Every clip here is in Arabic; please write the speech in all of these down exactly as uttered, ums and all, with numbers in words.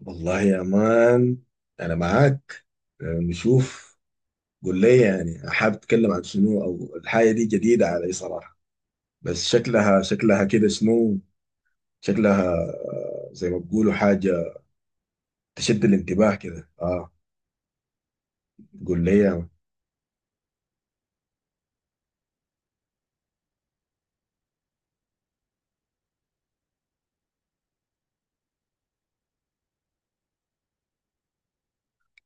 والله يا مان، انا معاك. أه، نشوف. قول لي، يعني حابب اتكلم عن شنو او الحاجه دي جديده علي صراحه. بس شكلها شكلها كده شنو؟ شكلها آه، زي ما بيقولوا حاجه تشد الانتباه كده. اه قول لي يا مان.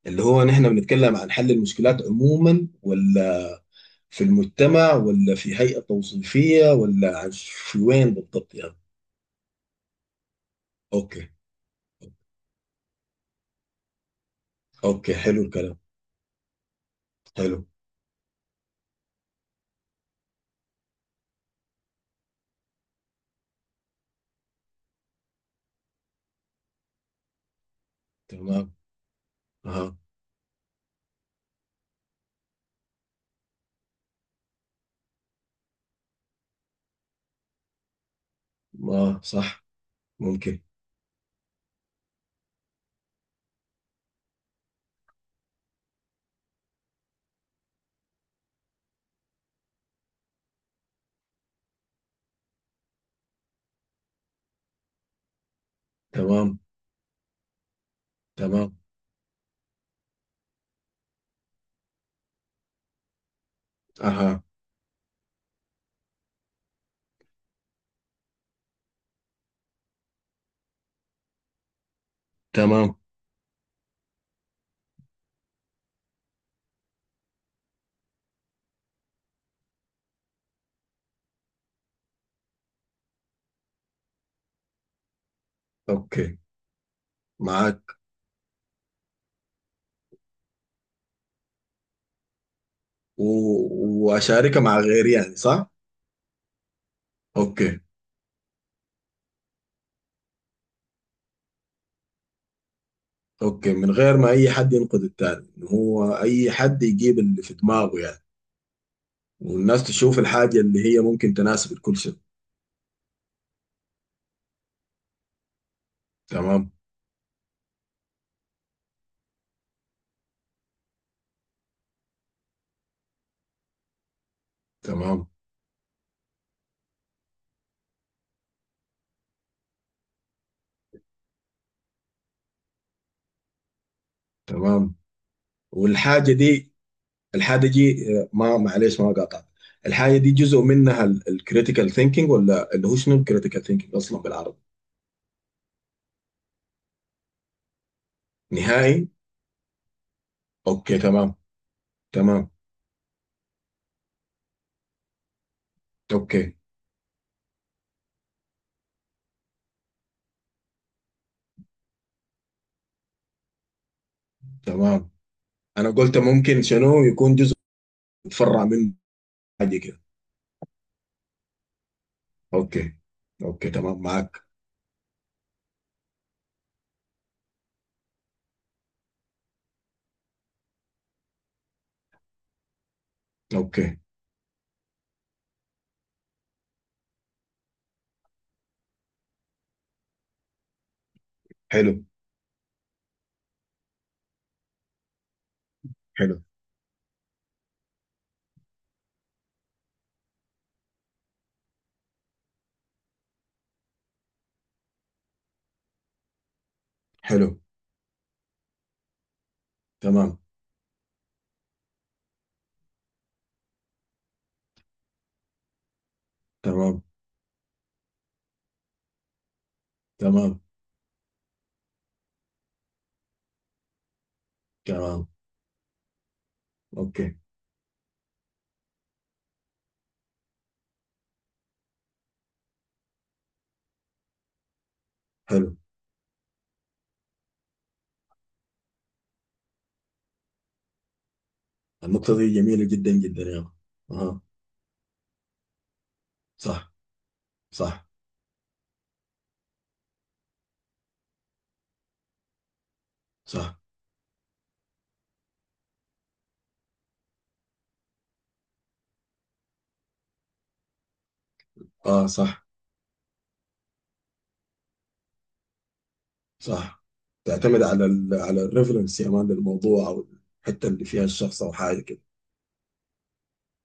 اللي هو نحن بنتكلم عن حل المشكلات عموما، ولا في المجتمع، ولا في هيئه توصيفيه، ولا عن في وين بالضبط يعني؟ اوكي، اوكي حلو الكلام. حلو. تمام. اها. ما صح. ممكن. تمام. تمام. اها. تمام. اوكي معاك. و... واشاركها مع غيري يعني، صح؟ اوكي. اوكي، من غير ما اي حد ينقد التاني، إن هو اي حد يجيب اللي في دماغه يعني. والناس تشوف الحاجة اللي هي ممكن تناسب الكل شيء. تمام. تمام. تمام. والحاجة دي، الحاجة دي آه، ما معلش ما قاطع. الحاجة دي جزء منها الكريتيكال ثينكينج، ولا اللي هو شنو الكريتيكال ثينكينج اصلا بالعربي؟ نهائي. اوكي تمام. تمام. اوكي تمام. انا قلت ممكن شنو يكون جزء متفرع منه، حاجه كده. اوكي. اوكي تمام معاك. اوكي. حلو. حلو. حلو. تمام. تمام. تمام. تمام. اوكي. حلو. النقطه دي جميله جدا جدا يا أخي. اها. صح. صح. صح. اه صح. صح. تعتمد على ال على الريفرنس يا مان للموضوع، او الحته اللي فيها الشخص او حاجه كده.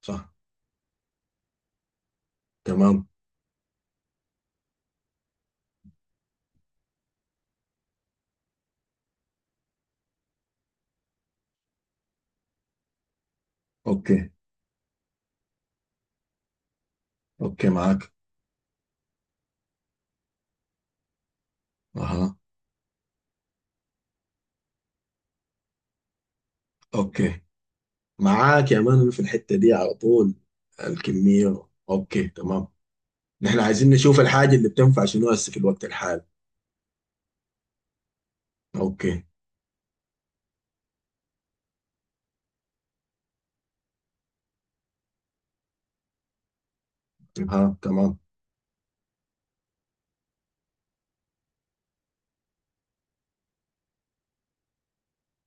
صح. تمام. اوكي. اوكي معاك. اها. اوكي معاك يا مان في الحتة دي على طول. الكمية، اوكي تمام. نحن عايزين نشوف الحاجة اللي بتنفع شنو هسه في الوقت الحالي. اوكي. ها تمام.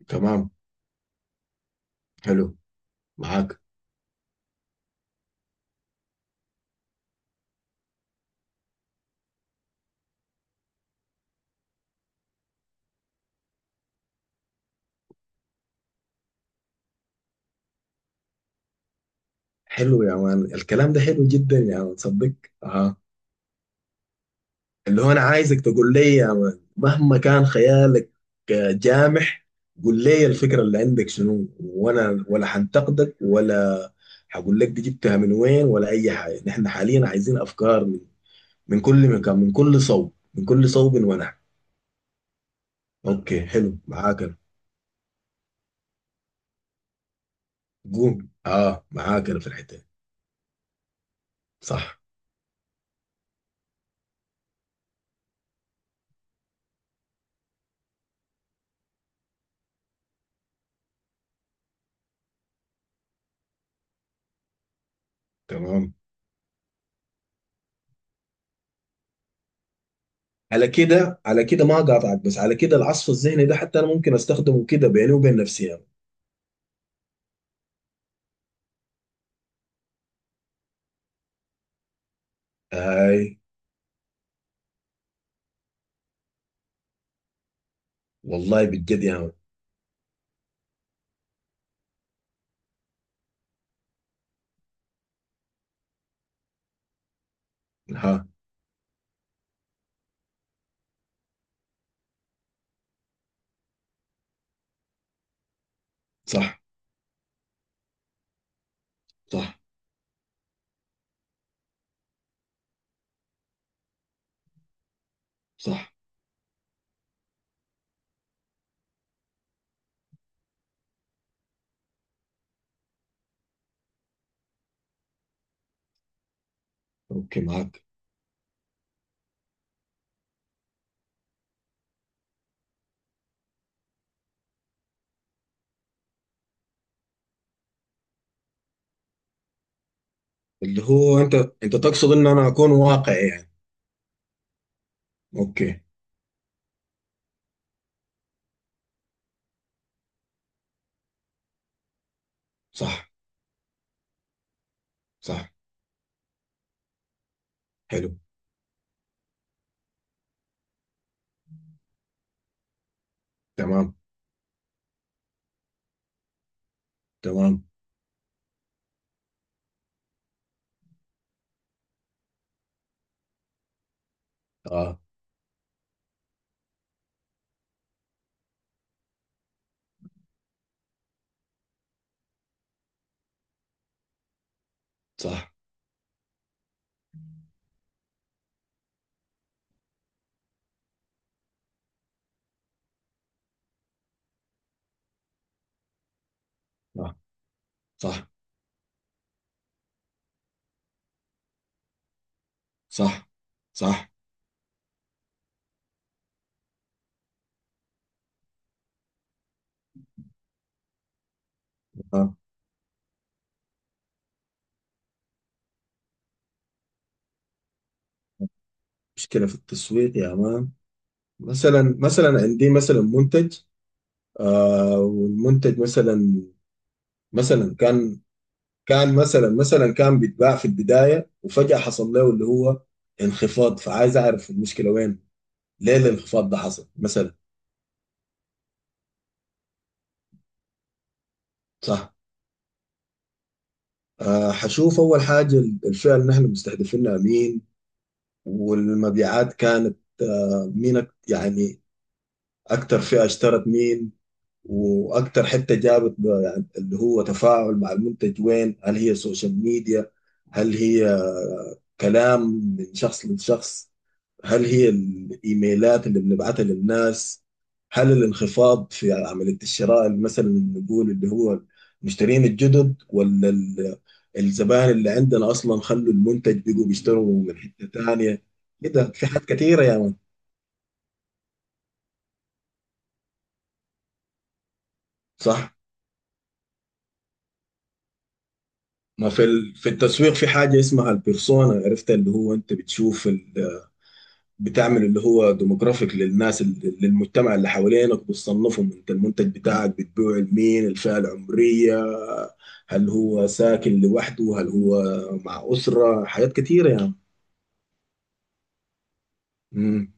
تمام. حلو. معاك. حلو يا مان، الكلام ده حلو جدا يا مان، صدق. ها. اللي هو انا عايزك تقول لي يا مان مهما كان خيالك آه، جامح. قول لي الفكرة اللي عندك شنو، وانا ولا حنتقدك، ولا هقول لك دي جبتها من وين، ولا اي حاجة. نحن حاليا عايزين افكار من كل مكان، من كل صوب، من كل صوب ونحو. اوكي حلو، معاك انا. قوم اه، معاك انا في الحته دي. صح. تمام. على كده، على كده ما قاطعك، بس على كده العصف الذهني ده حتى انا ممكن استخدمه كده بيني وبين نفسي يعني. اي والله بجد يا مان. ها. صح. صح. صح. اوكي معاك. اللي هو انت، انت تقصد ان انا اكون واقعي يعني؟ اوكي. صح. صح. حلو. تمام. تمام. اه صح. صح. صح. صح. صح. آه. مشكلة في التسويق يا مان. مثلا، مثلا عندي مثلا منتج، آه والمنتج مثلا، مثلا كان كان مثلا، مثلا كان بيتباع في البداية وفجأة حصل له اللي هو انخفاض، فعايز أعرف المشكلة وين. ليه الانخفاض ده حصل مثلا. صح. آه حشوف أول حاجة، الفئة اللي نحن مستهدفينها مين، والمبيعات كانت آه مين، أك- يعني أكتر فئة اشترت مين، واكتر حته جابت ب- يعني اللي هو تفاعل مع المنتج وين. هل هي سوشيال ميديا؟ هل هي كلام من شخص لشخص؟ هل هي الايميلات اللي بنبعتها للناس؟ هل الانخفاض في عمليه الشراء اللي مثلا نقول اللي هو المشترين الجدد، ولا ال- الزبائن اللي عندنا اصلا خلوا المنتج بيجوا بيشتروا من حته تانيه؟ كده في حاجات كثيره يا مان. صح. ما في ال- في التسويق في حاجة اسمها البيرسونا، عرفت؟ اللي هو انت بتشوف ال- بتعمل اللي هو ديموغرافيك للناس، ال- للمجتمع اللي حوالينك، بتصنفهم انت المنتج بتاعك بتبيعه لمين. الفئة العمرية، هل هو ساكن لوحده، هل هو مع أسرة، حاجات كتيرة يعني. امم.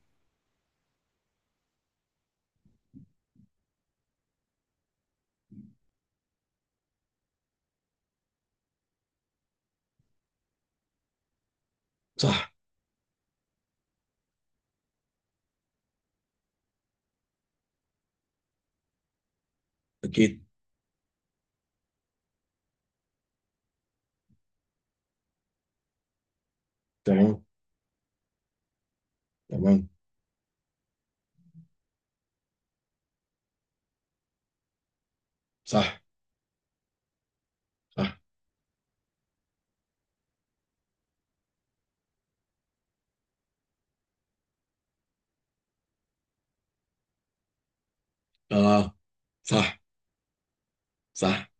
صح. أكيد. تمام. تمام. صح. صح. اه صح. صح.